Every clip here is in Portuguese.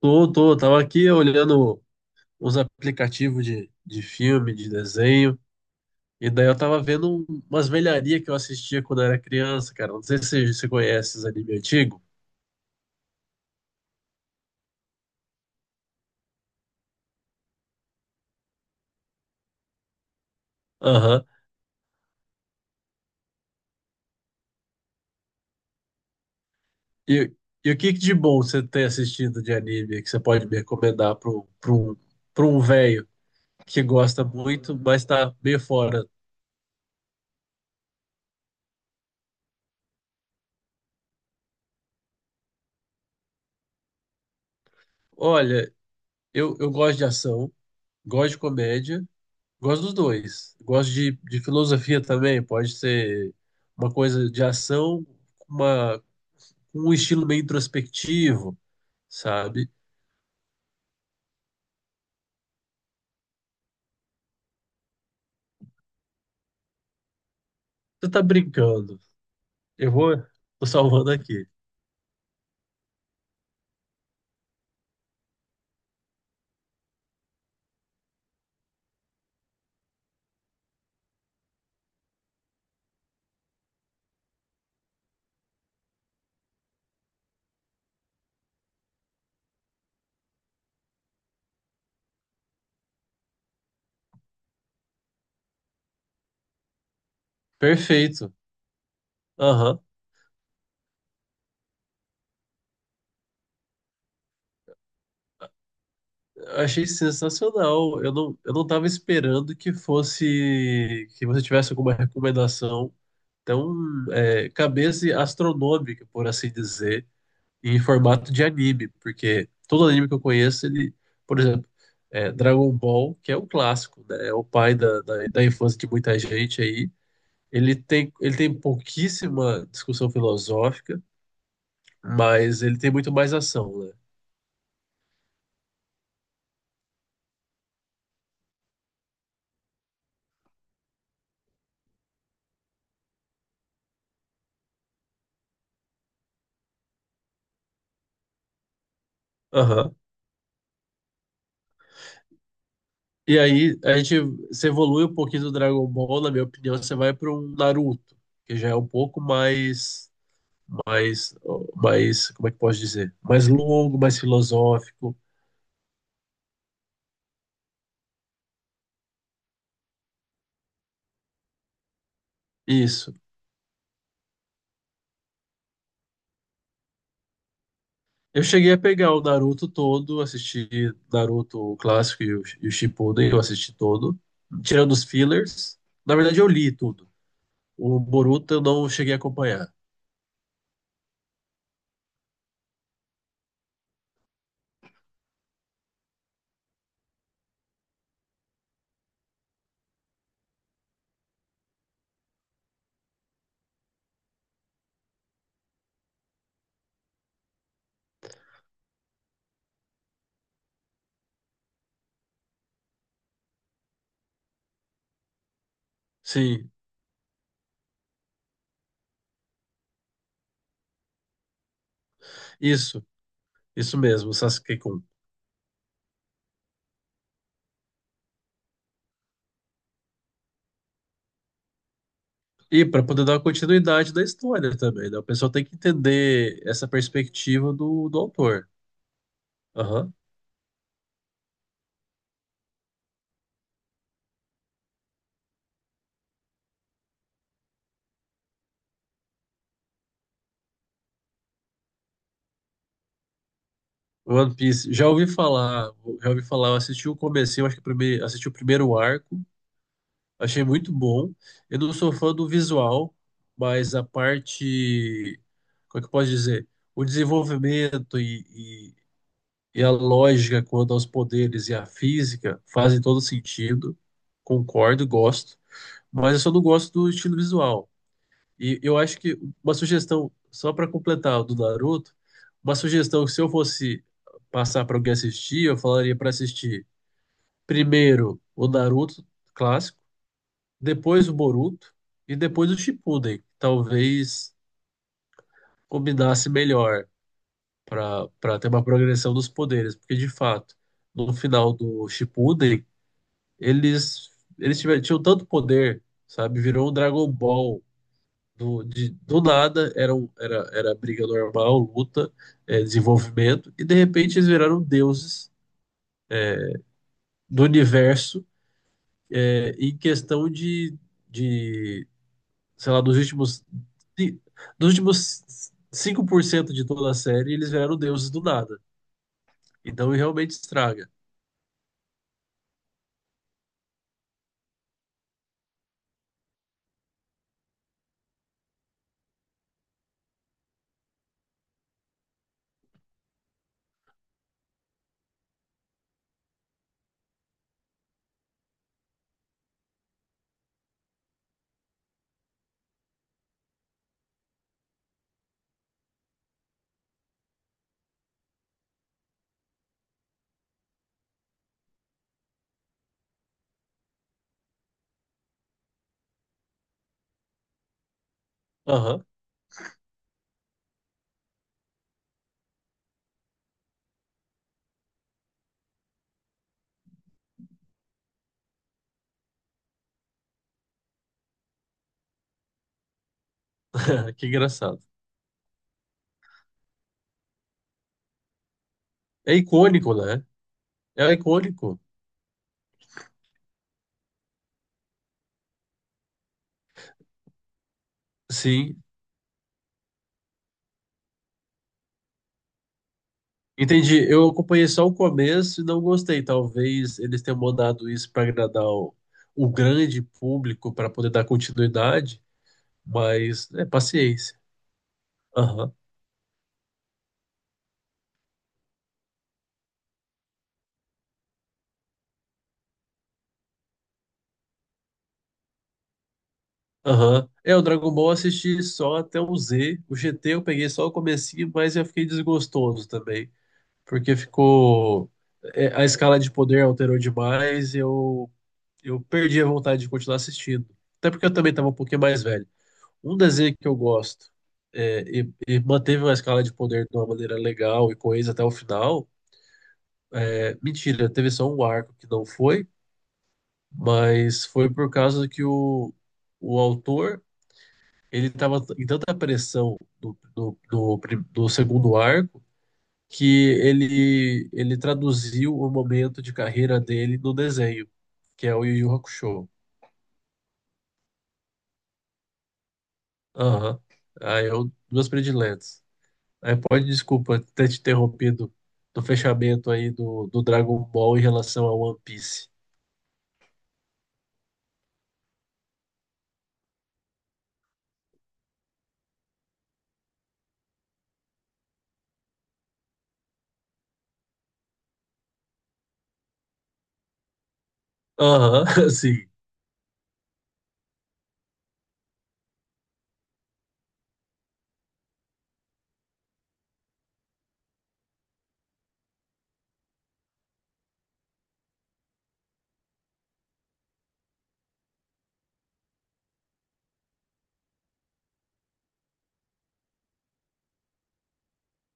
Tava aqui olhando uns aplicativos de filme, de desenho, e daí eu tava vendo umas velharias que eu assistia quando era criança, cara. Não sei se você conhece esses anime antigo. Aham. E, e o que que de bom você tem assistido de anime que você pode me recomendar para um, pra um, pra um velho que gosta muito, mas tá meio fora? Olha, eu gosto de ação, gosto de comédia. Gosto dos dois. Gosto de filosofia também. Pode ser uma coisa de ação, uma, com um estilo meio introspectivo, sabe? Você tá brincando. Eu vou, tô salvando aqui. Perfeito. Aham. Eu achei sensacional. Eu não tava esperando que fosse, que você tivesse alguma recomendação tão, é, cabeça astronômica, por assim dizer. E em formato de anime, porque todo anime que eu conheço, ele, por exemplo, é Dragon Ball, que é um clássico, né? É o pai da infância de muita gente aí. Ele tem pouquíssima discussão filosófica, mas ele tem muito mais ação, né? Aham. E aí, a gente se evolui um pouquinho do Dragon Ball, na minha opinião, você vai para um Naruto, que já é um pouco mais, mais, mais, como é que posso dizer? Mais longo, mais filosófico. Isso. Eu cheguei a pegar o Naruto todo, assisti Naruto o clássico e o Shippuden, eu assisti todo, tirando os fillers. Na verdade, eu li tudo. O Boruto eu não cheguei a acompanhar. Sim, isso, isso mesmo, o Sasuke-kun. E para poder dar continuidade da história também, né? O pessoal tem que entender essa perspectiva do autor. Aham. One Piece, já ouvi falar, eu assisti o comecinho, acho que assisti o primeiro arco. Achei muito bom. Eu não sou fã do visual, mas a parte, como é que eu posso dizer? O desenvolvimento e, e a lógica quanto aos poderes e a física fazem todo sentido. Concordo, gosto. Mas eu só não gosto do estilo visual. E eu acho que uma sugestão, só para completar o do Naruto, uma sugestão que se eu fosse passar para alguém assistir, eu falaria para assistir primeiro o Naruto clássico, depois o Boruto e depois o Shippuden. Talvez combinasse melhor para ter uma progressão dos poderes, porque de fato, no final do Shippuden, eles eles tinham tanto poder, sabe? Virou um Dragon Ball do nada, era, um- era era briga normal, luta, é, desenvolvimento e de repente eles viraram deuses do universo, é, em questão de sei lá, ci- dos últimos 5% de toda a série, eles vieram deuses do nada. Então realmente estraga. Aham, que engraçado. É icônico, né? É icônico. Sim, entendi. Eu acompanhei só o começo e não gostei. Talvez eles tenham mandado isso para agradar o grande público para poder dar continuidade, mas é paciência. Aham. Aham. É, o Dragon Ball eu assisti só até o Z. O GT eu peguei só o comecinho, mas eu fiquei desgostoso também. Porque ficou. É, a escala de poder alterou demais. Eu perdi a vontade de continuar assistindo. Até porque eu também estava um pouquinho mais velho. Um desenho que eu gosto é, e manteve uma escala de poder de uma maneira legal e coesa até o final. É, mentira, teve só um arco que não foi, mas foi por causa que o autor. Ele estava em tanta pressão do segundo arco que ele traduziu o momento de carreira dele no desenho, que é o Yu Yu Hakusho. Aham. Aí eu, duas prediletas. Aí pode, desculpa ter te interrompido do fechamento aí do Dragon Ball em relação ao One Piece. Aham, sim.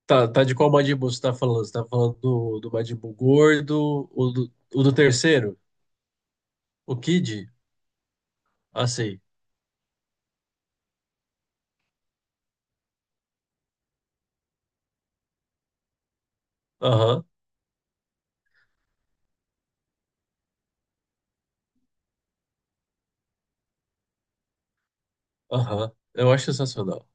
Tá, de qual Majin Buu você tá falando? Você tá falando do Majin Buu gordo, o do terceiro? O Kid? Ah, sei. Aham. Aham, eu acho sensacional.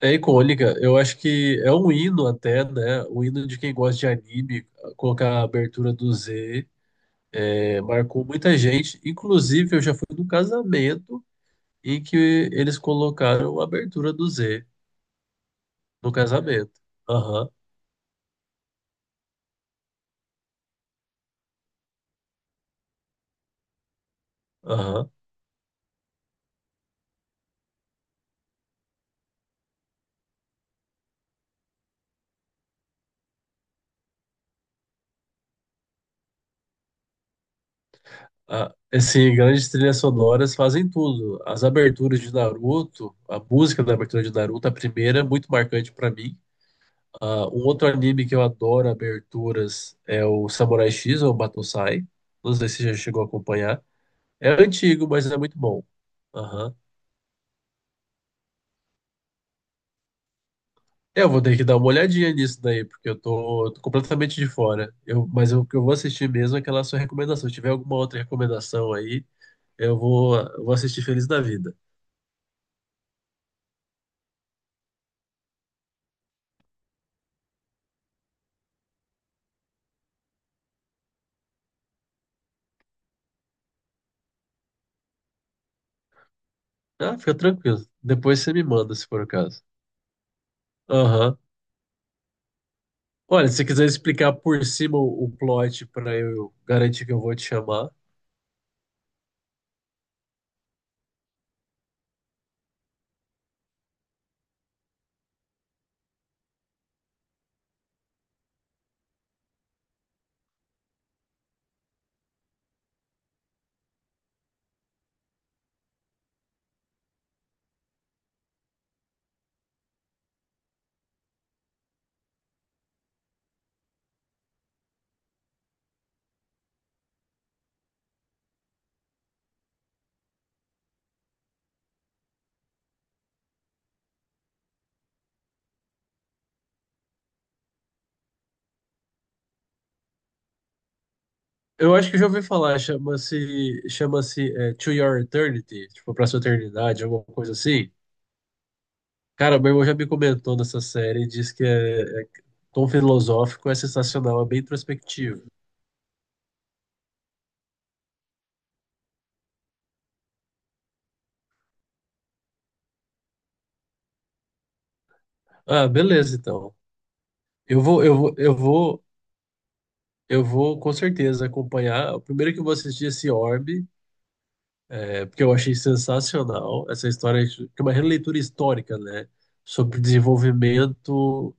É icônica, eu acho que é um hino até, né? O hino de quem gosta de anime, colocar a abertura do Z, é, marcou muita gente. Inclusive, eu já fui num casamento em que eles colocaram a abertura do Z no casamento. Aham, aham. Ah, assim, grandes trilhas sonoras fazem tudo. As aberturas de Naruto, a música da abertura de Naruto, a primeira, é muito marcante pra mim. Ah, um outro anime que eu adoro aberturas é o Samurai X ou Batosai. Não sei se você já chegou a acompanhar. É antigo, mas é muito bom. Aham. É, eu vou ter que dar uma olhadinha nisso daí, porque tô completamente de fora. Eu, mas o que eu vou assistir mesmo é aquela sua recomendação. Se tiver alguma outra recomendação aí, eu vou assistir feliz da vida. Ah, fica tranquilo. Depois você me manda, se for o caso. Aham. Olha, se você quiser explicar por cima o plot pra eu garantir que eu vou te chamar, eu acho que eu já ouvi falar, chama-se é, To Your Eternity, tipo, pra sua eternidade, alguma coisa assim. Cara, meu irmão já me comentou nessa série e disse que é tom filosófico, é sensacional, é bem introspectivo. Ah, beleza, então. Eu vou, eu vou, eu vou, eu vou com certeza acompanhar. O primeiro que eu vou assistir é esse Orbe, é, porque eu achei sensacional essa história, que é uma releitura histórica, né, sobre o desenvolvimento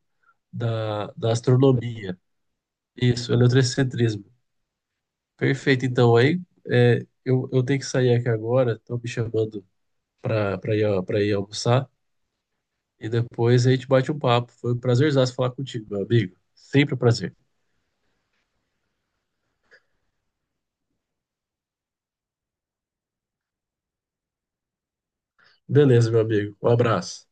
da astronomia. Isso, heliocentrismo. Perfeito, então aí é, eu tenho que sair aqui agora, estão me chamando para ir almoçar e depois a gente bate um papo. Foi um prazerzaço falar contigo, meu amigo. Sempre um prazer. Beleza, meu amigo. Um abraço.